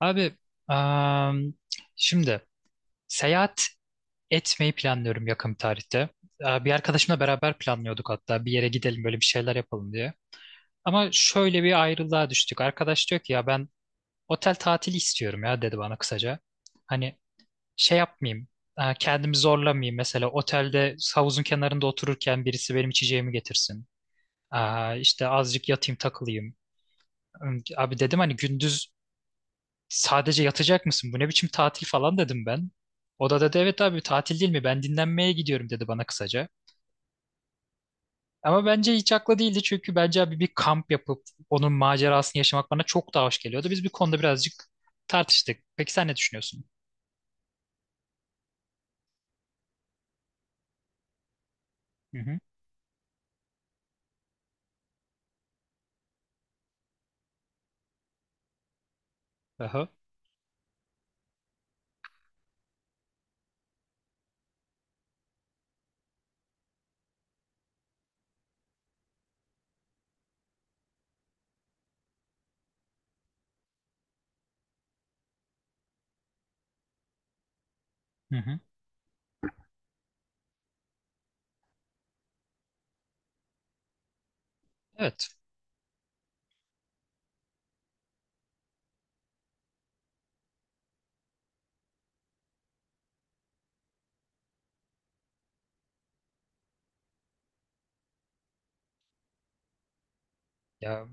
Abi am, şimdi seyahat etmeyi planlıyorum yakın bir tarihte. Bir arkadaşımla beraber planlıyorduk hatta bir yere gidelim böyle bir şeyler yapalım diye. Ama şöyle bir ayrılığa düştük. Arkadaş diyor ki ya ben otel tatili istiyorum ya dedi bana kısaca. Hani şey yapmayayım, kendimi zorlamayayım, mesela otelde havuzun kenarında otururken birisi benim içeceğimi getirsin. İşte azıcık yatayım, takılayım. Abi dedim, hani gündüz sadece yatacak mısın? Bu ne biçim tatil falan dedim ben. O da dedi evet abi, tatil değil mi? Ben dinlenmeye gidiyorum dedi bana kısaca. Ama bence hiç haklı değildi, çünkü bence abi bir kamp yapıp onun macerasını yaşamak bana çok daha hoş geliyordu. Biz bir konuda birazcık tartıştık. Peki sen ne düşünüyorsun? Hı hı. Aha. Hı hı. Evet. Ya,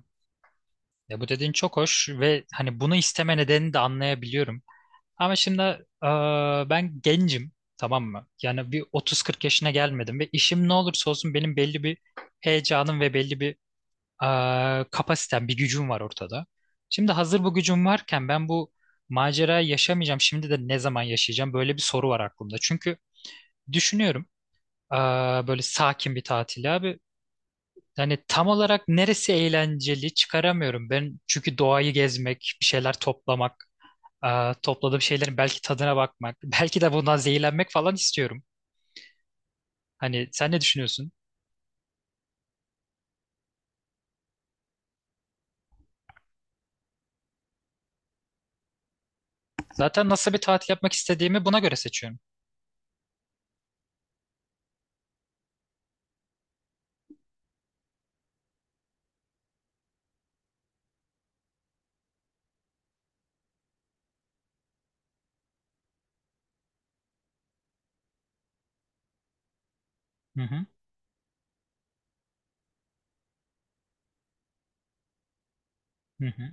ya bu dediğin çok hoş ve hani bunu isteme nedenini de anlayabiliyorum. Ama şimdi e, ben gencim, tamam mı? Yani bir 30-40 yaşına gelmedim ve işim ne olursa olsun benim belli bir heyecanım ve belli bir kapasitem, bir gücüm var ortada. Şimdi hazır bu gücüm varken ben bu macerayı yaşamayacağım. Şimdi de ne zaman yaşayacağım? Böyle bir soru var aklımda. Çünkü düşünüyorum, e, böyle sakin bir tatil abi. Yani tam olarak neresi eğlenceli çıkaramıyorum. Ben çünkü doğayı gezmek, bir şeyler toplamak. Topladığım şeylerin belki tadına bakmak, belki de bundan zehirlenmek falan istiyorum. Hani sen ne düşünüyorsun? Zaten nasıl bir tatil yapmak istediğimi buna göre seçiyorum. Hı hı, hı hı.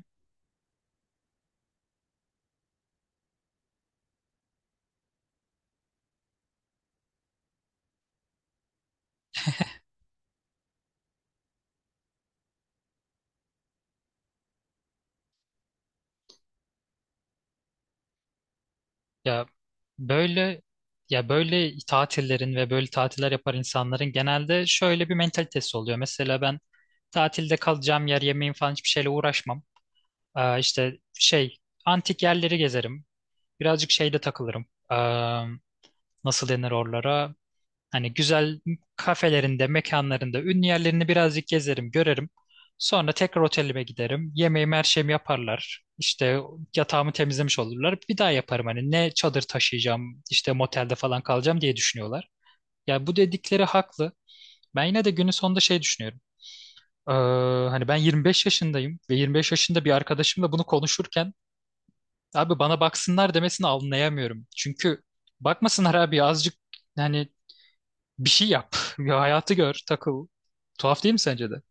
Ya böyle, ya böyle tatillerin ve böyle tatiller yapar insanların genelde şöyle bir mentalitesi oluyor. Mesela ben tatilde kalacağım yer, yemeğim falan hiçbir şeyle uğraşmam. İşte şey, antik yerleri gezerim. Birazcık şeyde takılırım. Ee, Nasıl denir oralara? Hani güzel kafelerinde, mekanlarında, ünlü yerlerini birazcık gezerim, görerim. Sonra tekrar otelime giderim. Yemeğimi, her şeyimi yaparlar. İşte yatağımı temizlemiş olurlar. Bir daha yaparım hani ne çadır taşıyacağım, işte motelde falan kalacağım diye düşünüyorlar. Ya bu dedikleri haklı. Ben yine de günün sonunda şey düşünüyorum. Ee, Hani ben 25 yaşındayım ve 25 yaşında bir arkadaşımla bunu konuşurken abi bana baksınlar demesini anlayamıyorum. Çünkü bakmasınlar abi, azıcık yani bir şey yap. Bir hayatı gör, takıl. Tuhaf değil mi sence de?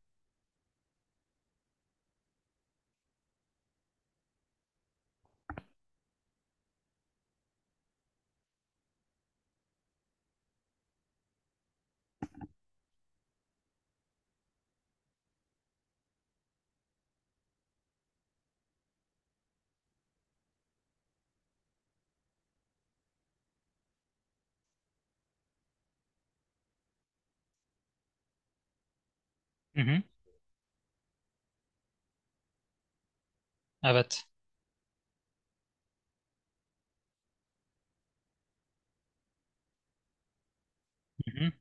Hı hı. Evet. Hı hı.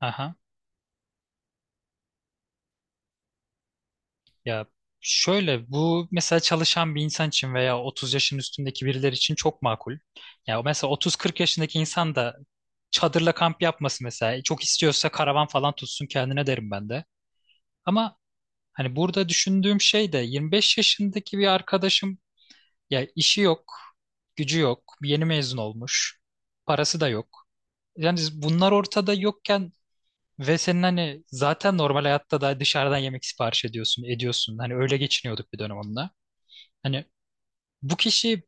Aha. Ya şöyle, bu mesela çalışan bir insan için veya 30 yaşın üstündeki birileri için çok makul. Ya mesela 30-40 yaşındaki insan da çadırla kamp yapması mesela. Çok istiyorsa karavan falan tutsun kendine derim ben de. Ama hani burada düşündüğüm şey de, 25 yaşındaki bir arkadaşım, ya işi yok, gücü yok, yeni mezun olmuş, parası da yok. Yani bunlar ortada yokken ve senin hani zaten normal hayatta da dışarıdan yemek sipariş ediyorsun, ediyorsun. Hani öyle geçiniyorduk bir dönem onunla. Hani bu kişi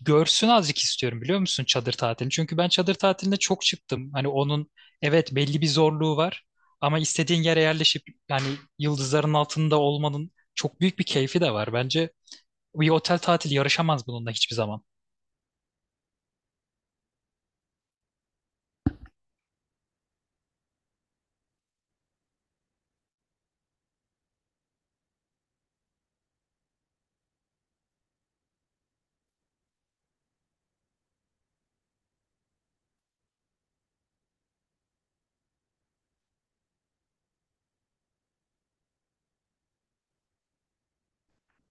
görsün azıcık istiyorum, biliyor musun, çadır tatilini? Çünkü ben çadır tatiline çok çıktım. Hani onun, evet, belli bir zorluğu var ama istediğin yere yerleşip, yani yıldızların altında olmanın çok büyük bir keyfi de var. Bence bir otel tatili yarışamaz bununla hiçbir zaman.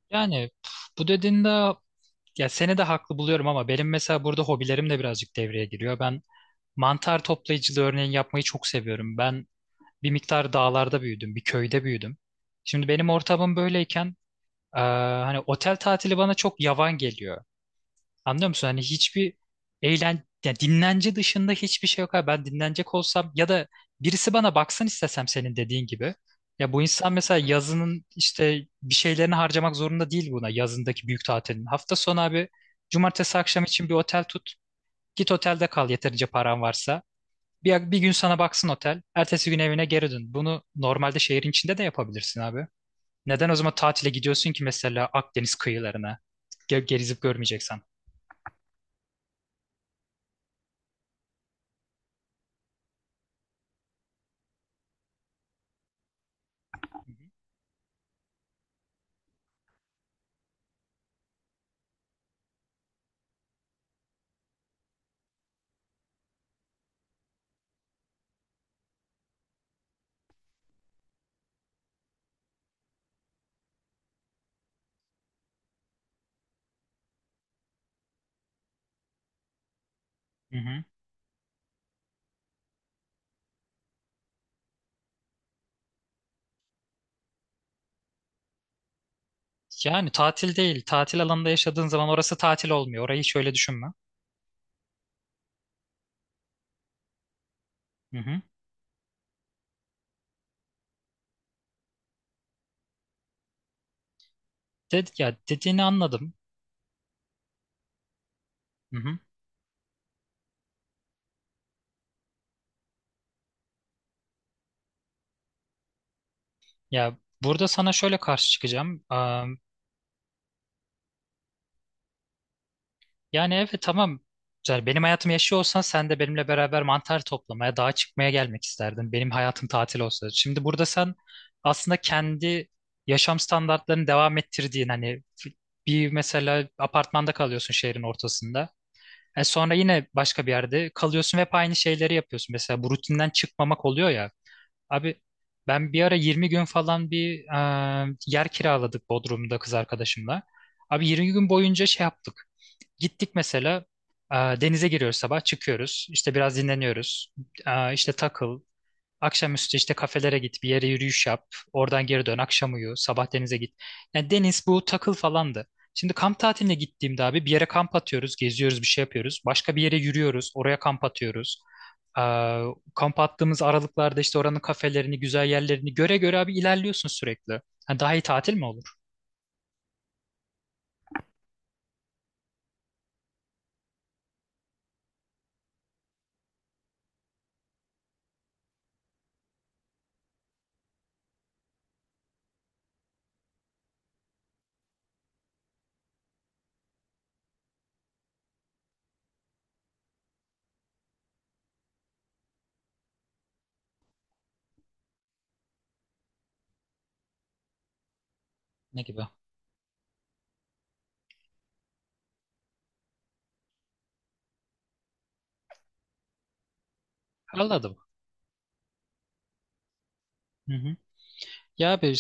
Yani pf, bu dediğinde ya seni de haklı buluyorum, ama benim mesela burada hobilerim de birazcık devreye giriyor. Ben mantar toplayıcılığı örneğin yapmayı çok seviyorum. Ben bir miktar dağlarda büyüdüm, bir köyde büyüdüm. Şimdi benim ortamım böyleyken, eee, hani otel tatili bana çok yavan geliyor. Anlıyor musun? Hani hiçbir eğlen, yani dinlence dışında hiçbir şey yok abi. Ben dinlenecek olsam ya da birisi bana baksın istesem senin dediğin gibi. Ya bu insan mesela yazının işte bir şeylerini harcamak zorunda değil buna, yazındaki büyük tatilin. Hafta sonu abi, cumartesi akşam için bir otel tut. Git otelde kal yeterince paran varsa. Bir gün sana baksın otel. Ertesi gün evine geri dön. Bunu normalde şehrin içinde de yapabilirsin abi. Neden o zaman tatile gidiyorsun ki mesela Akdeniz kıyılarına? Gezip görmeyeceksen. Hı hı. Yani tatil değil. Tatil alanında yaşadığın zaman orası tatil olmuyor. Orayı şöyle düşünme. Hı hı. Ya dediğini anladım. Hı hı. Ya burada sana şöyle karşı çıkacağım. Yani evet tamam. Yani benim hayatımı yaşıyor olsan sen de benimle beraber mantar toplamaya, dağa çıkmaya gelmek isterdin. Benim hayatım tatil olsa. Şimdi burada sen aslında kendi yaşam standartlarını devam ettirdiğin, hani bir, mesela apartmanda kalıyorsun şehrin ortasında. E sonra yine başka bir yerde kalıyorsun ve hep aynı şeyleri yapıyorsun. Mesela bu rutinden çıkmamak oluyor ya. Abi ben bir ara 20 gün falan bir yer kiraladık Bodrum'da kız arkadaşımla. Abi 20 gün boyunca şey yaptık. Gittik mesela, denize giriyoruz sabah, çıkıyoruz. İşte biraz dinleniyoruz. İşte takıl, akşamüstü işte kafelere git, bir yere yürüyüş yap, oradan geri dön, akşam uyu, sabah denize git. Yani deniz bu takıl falandı. Şimdi kamp tatiline gittiğimde abi bir yere kamp atıyoruz, geziyoruz, bir şey yapıyoruz. Başka bir yere yürüyoruz, oraya kamp atıyoruz. Ee, Kamp attığımız aralıklarda işte oranın kafelerini, güzel yerlerini göre göre abi ilerliyorsun sürekli. Ha, daha iyi tatil mi olur? Ne gibi? Anladım. Hı hı. Ya abi,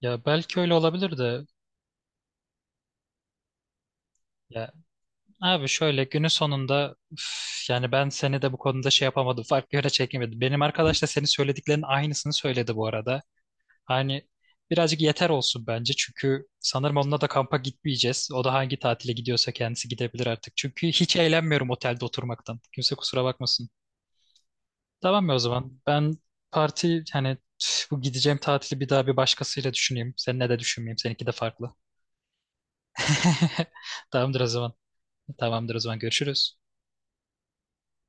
ya belki öyle olabilir de, ya abi şöyle günün sonunda üf, yani ben seni de bu konuda şey yapamadım. Farklı yöne çekemedim. Benim arkadaş da senin söylediklerinin aynısını söyledi bu arada. Hani birazcık yeter olsun bence. Çünkü sanırım onunla da kampa gitmeyeceğiz. O da hangi tatile gidiyorsa kendisi gidebilir artık. Çünkü hiç eğlenmiyorum otelde oturmaktan. Kimse kusura bakmasın. Tamam mı o zaman? Ben parti hani üf, bu gideceğim tatili bir daha bir başkasıyla düşüneyim. Seninle de düşünmeyeyim. Seninki de farklı. Tamamdır o zaman. Tamamdır o zaman. Görüşürüz.